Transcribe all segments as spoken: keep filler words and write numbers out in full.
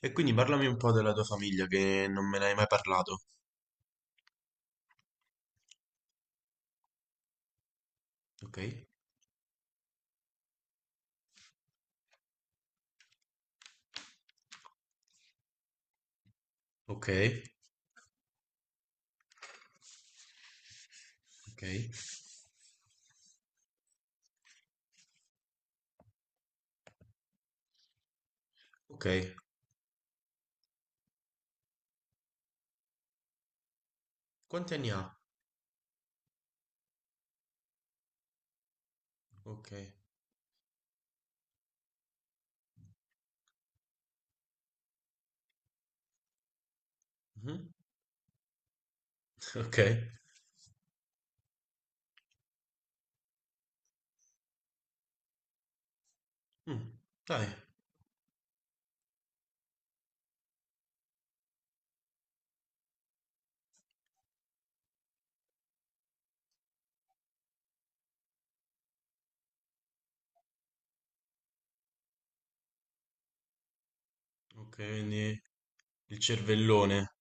E quindi parlami un po' della tua famiglia che non me ne hai mai parlato. Ok, ok, ok, ok. Quanti anni ha? Ok, mhm, ok. Mm. Dai, ok, quindi il cervellone.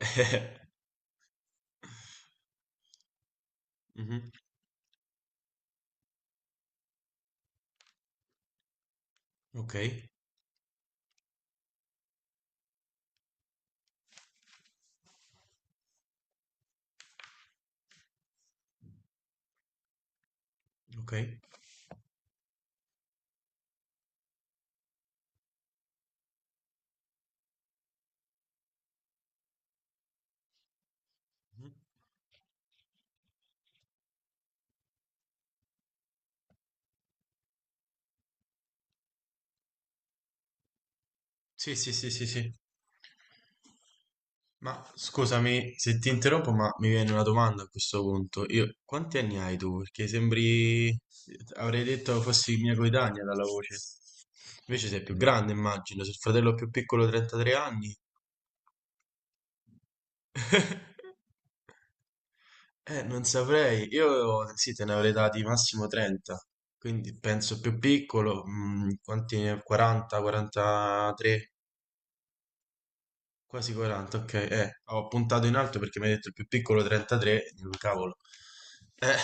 Mhm. Ok, ok. Mhm. Sì, sì, sì, sì, sì. Ma scusami se ti interrompo, ma mi viene una domanda a questo punto. Io, quanti anni hai tu? Perché sembri, avrei detto fossi mia coetanea dalla voce. Invece sei più grande, immagino. Se il fratello più piccolo trentatré anni. Eh, non saprei. Io sì, te ne avrei dati massimo trenta. Quindi penso più piccolo, mm, quanti ne- quaranta, quarantatré. Quasi quaranta, ok. Eh, ho puntato in alto perché mi hai detto il più piccolo trentatré. Dico, cavolo. Eh,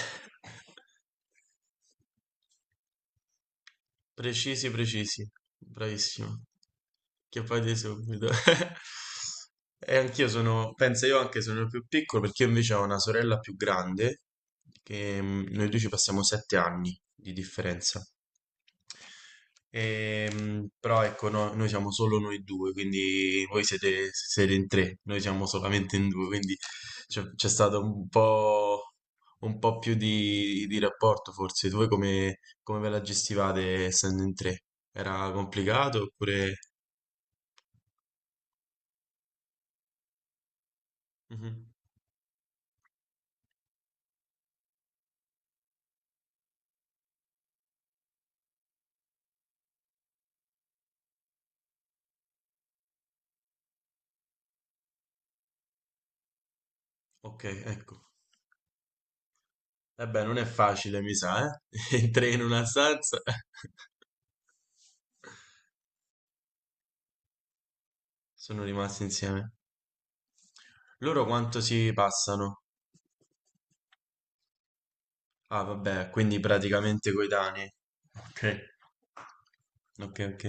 precisi, precisi. Bravissimo. Che fate subito. E anch'io sono, penso io anche sono il più piccolo, perché io invece ho una sorella più grande che mm, noi due ci passiamo sette anni di differenza. Ehm, però ecco, no- noi siamo solo noi due, quindi voi siete, siete in tre, noi siamo solamente in due, quindi c'è c'è stato un po', un po' più di, di rapporto forse. Voi come, come ve la gestivate essendo in tre? Era complicato oppure... Mhm. Ok, ecco. Eh beh, non è facile, mi sa, eh? In tre in una stanza. Sono rimasti insieme. Loro quanto si passano? Ah, vabbè, quindi praticamente coetanei. Ok, ok, ok,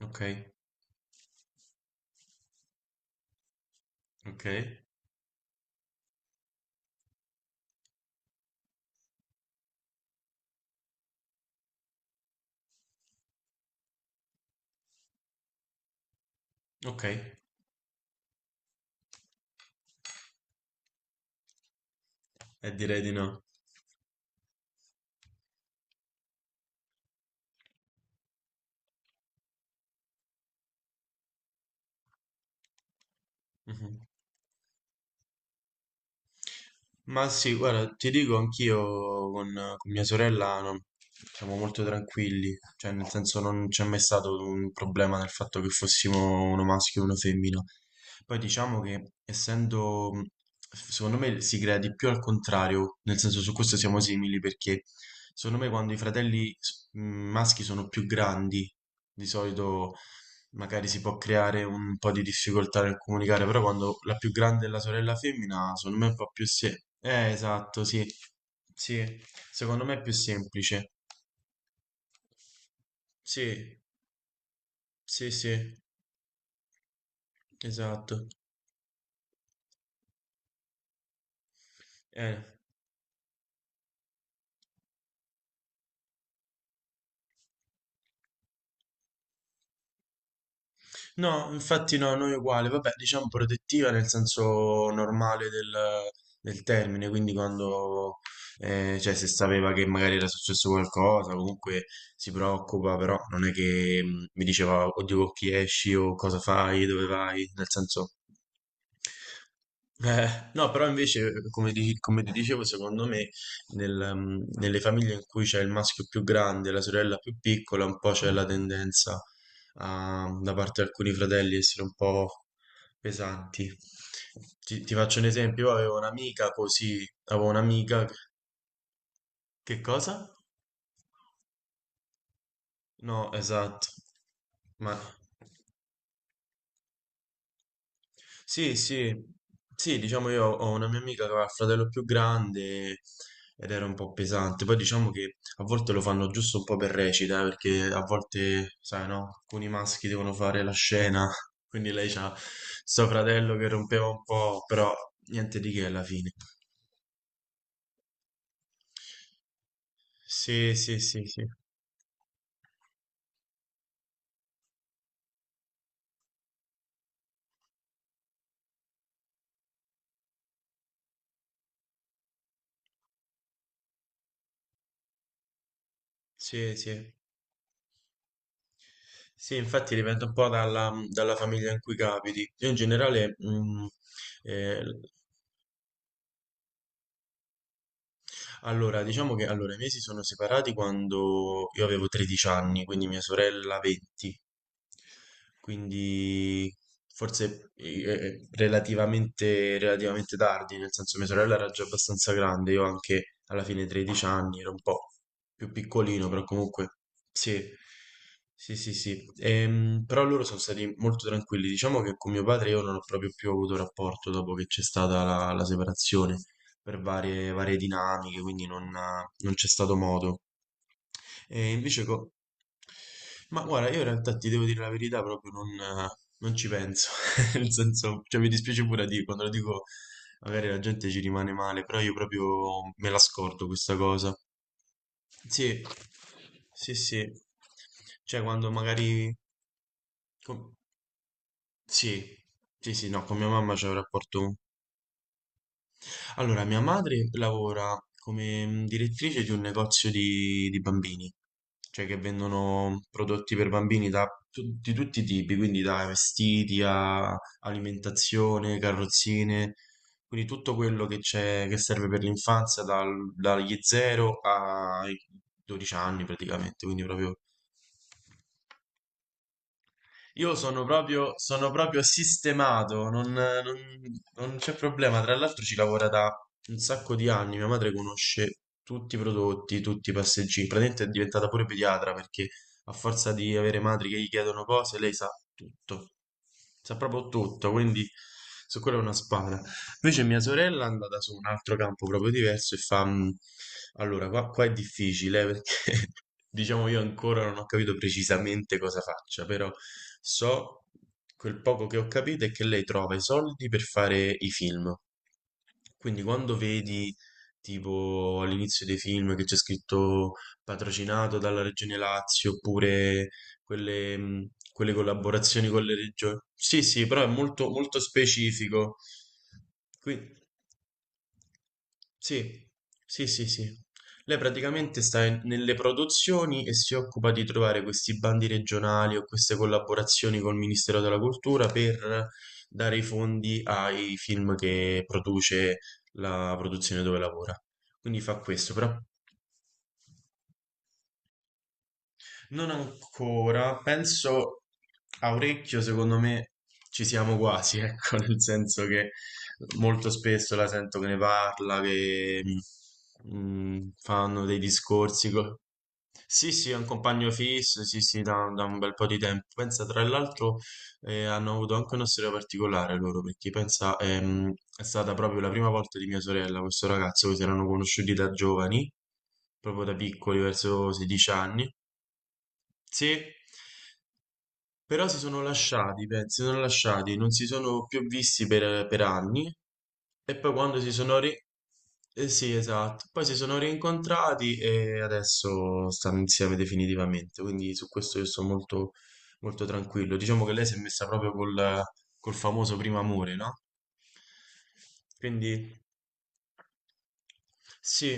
ok, ok, ok. E direi di no. Mhm. Ma sì, guarda, ti dico anch'io con, con mia sorella no, siamo molto tranquilli, cioè nel senso non c'è mai stato un problema nel fatto che fossimo uno maschio e una femmina. Poi diciamo che essendo, mh, secondo me si crea di più al contrario, nel senso su questo siamo simili, perché secondo me quando i fratelli s- mh, maschi sono più grandi, di solito magari si può creare un po' di difficoltà nel comunicare, però quando la più grande è la sorella femmina, secondo me è un po' più semplice. Eh, esatto, sì. Sì, secondo me è più semplice. Sì, sì, sì, esatto. Eh. No, infatti no, noi uguale, vabbè, diciamo protettiva nel senso normale del, del termine, quindi quando, eh, cioè se sapeva che magari era successo qualcosa, comunque si preoccupa, però non è che mh, mi diceva, oddio, con chi esci o cosa fai, dove vai, nel senso... Eh, no, però invece, come, di- come ti dicevo, secondo me nel, mh, nelle famiglie in cui c'è il maschio più grande e la sorella più piccola, un po' c'è la tendenza a- da parte di alcuni fratelli essere un po' pesanti. Ti, ti faccio un esempio, io avevo un'amica così, avevo un'amica... Che cosa? No, esatto. Ma sì, sì, sì, diciamo io ho una mia amica che aveva il fratello più grande ed era un po' pesante. Poi diciamo che a volte lo fanno giusto un po' per recita, eh, perché a volte, sai, no, alcuni maschi devono fare la scena, quindi lei c'ha sto fratello che rompeva un po', però niente di che alla fine. Sì, sì, sì, sì. Sì, sì. Sì, infatti dipende un po' dalla, mhmm, dalla famiglia in cui capiti. Io in generale, mh, eh, allora, diciamo che allora, i miei si sono separati quando io avevo tredici anni, quindi mia sorella venti, quindi forse eh, relativamente, relativamente tardi, nel senso mia sorella era già abbastanza grande, io anche alla fine tredici anni, ero un po' più piccolino, però comunque sì, sì, sì, sì. Ehm, però loro sono stati molto tranquilli, diciamo che con mio padre io non ho proprio più avuto rapporto dopo che c'è stata la la separazione per varie, varie dinamiche, quindi non, eh, non c'è stato modo. E invece, co- ma guarda, io in realtà ti devo dire la verità, proprio non, eh, non ci penso, nel senso, cioè mi dispiace pure a dire, quando lo dico magari la gente ci rimane male, però io proprio me la scordo questa cosa. Sì, sì, sì, cioè quando magari... com- Sì, sì, sì, no, con mia mamma c'è un rapporto. Allora, mia madre lavora come mm, direttrice di un negozio di, di bambini, cioè che vendono prodotti per bambini da tu- di tutti i tipi, quindi da vestiti a alimentazione, carrozzine, quindi tutto quello che c'è, che serve per l'infanzia dal- dagli zero ai dodici anni praticamente, quindi proprio io sono proprio, sono proprio sistemato, non, non- non c'è problema. Tra l'altro ci lavora da un sacco di anni. Mia madre conosce tutti i prodotti, tutti i passeggini. Praticamente è diventata pure pediatra, perché a forza di avere madri che gli chiedono cose, lei sa tutto. Sa proprio tutto, quindi su quello è una spada. Invece mia sorella è andata su un altro campo proprio diverso e fa... "Mm, Allora, qua, qua è difficile eh, perché diciamo io ancora non ho capito precisamente cosa faccia, però so quel poco che ho capito è che lei trova i soldi per fare i film. Quindi quando vedi tipo all'inizio dei film che c'è scritto patrocinato dalla Regione Lazio oppure quelle, mh, quelle collaborazioni con le regioni. Sì, sì, però è molto, molto specifico. Qui- sì, sì, sì, sì. Lei praticamente sta in- nelle produzioni e si occupa di trovare questi bandi regionali o queste collaborazioni col Ministero della Cultura per dare i fondi ai film che produce la produzione dove lavora. Quindi fa questo, però non ancora, penso a orecchio, secondo me ci siamo quasi, ecco, nel senso che molto spesso la sento che ne parla, che mm, fanno dei discorsi. co- Sì, sì, è un compagno fisso, sì, sì, da, da un bel po' di tempo. Pensa, tra l'altro, eh, hanno avuto anche una storia particolare loro, perché pensa, ehm, è stata proprio la prima volta di mia sorella, questo ragazzo, che si erano conosciuti da giovani, proprio da piccoli, verso sedici anni. Sì, però si sono lasciati, pensi, si sono lasciati, non si sono più visti per, per anni e poi quando si sono ri... eh, sì, esatto, poi si sono rincontrati e adesso stanno insieme definitivamente, quindi su questo io sto molto, molto tranquillo. Diciamo che lei si è messa proprio col, col famoso primo amore, no? Quindi... Sì,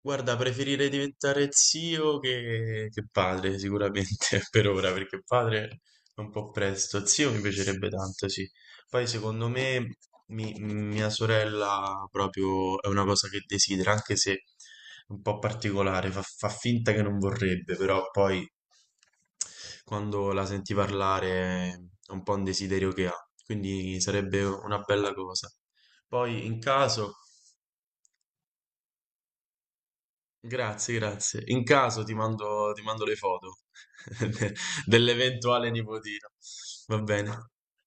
guarda, preferirei diventare zio che, che padre, sicuramente, per ora, perché padre è un po' presto. Zio mi piacerebbe tanto, sì. Poi secondo me mi- mia sorella proprio è una cosa che desidera, anche se è un po' particolare, fa, fa finta che non vorrebbe, però poi quando la senti parlare è un po' un desiderio che ha, quindi sarebbe una bella cosa. Poi in caso... Grazie, grazie. In caso ti mando, ti mando le foto de- dell'eventuale nipotino. Va bene.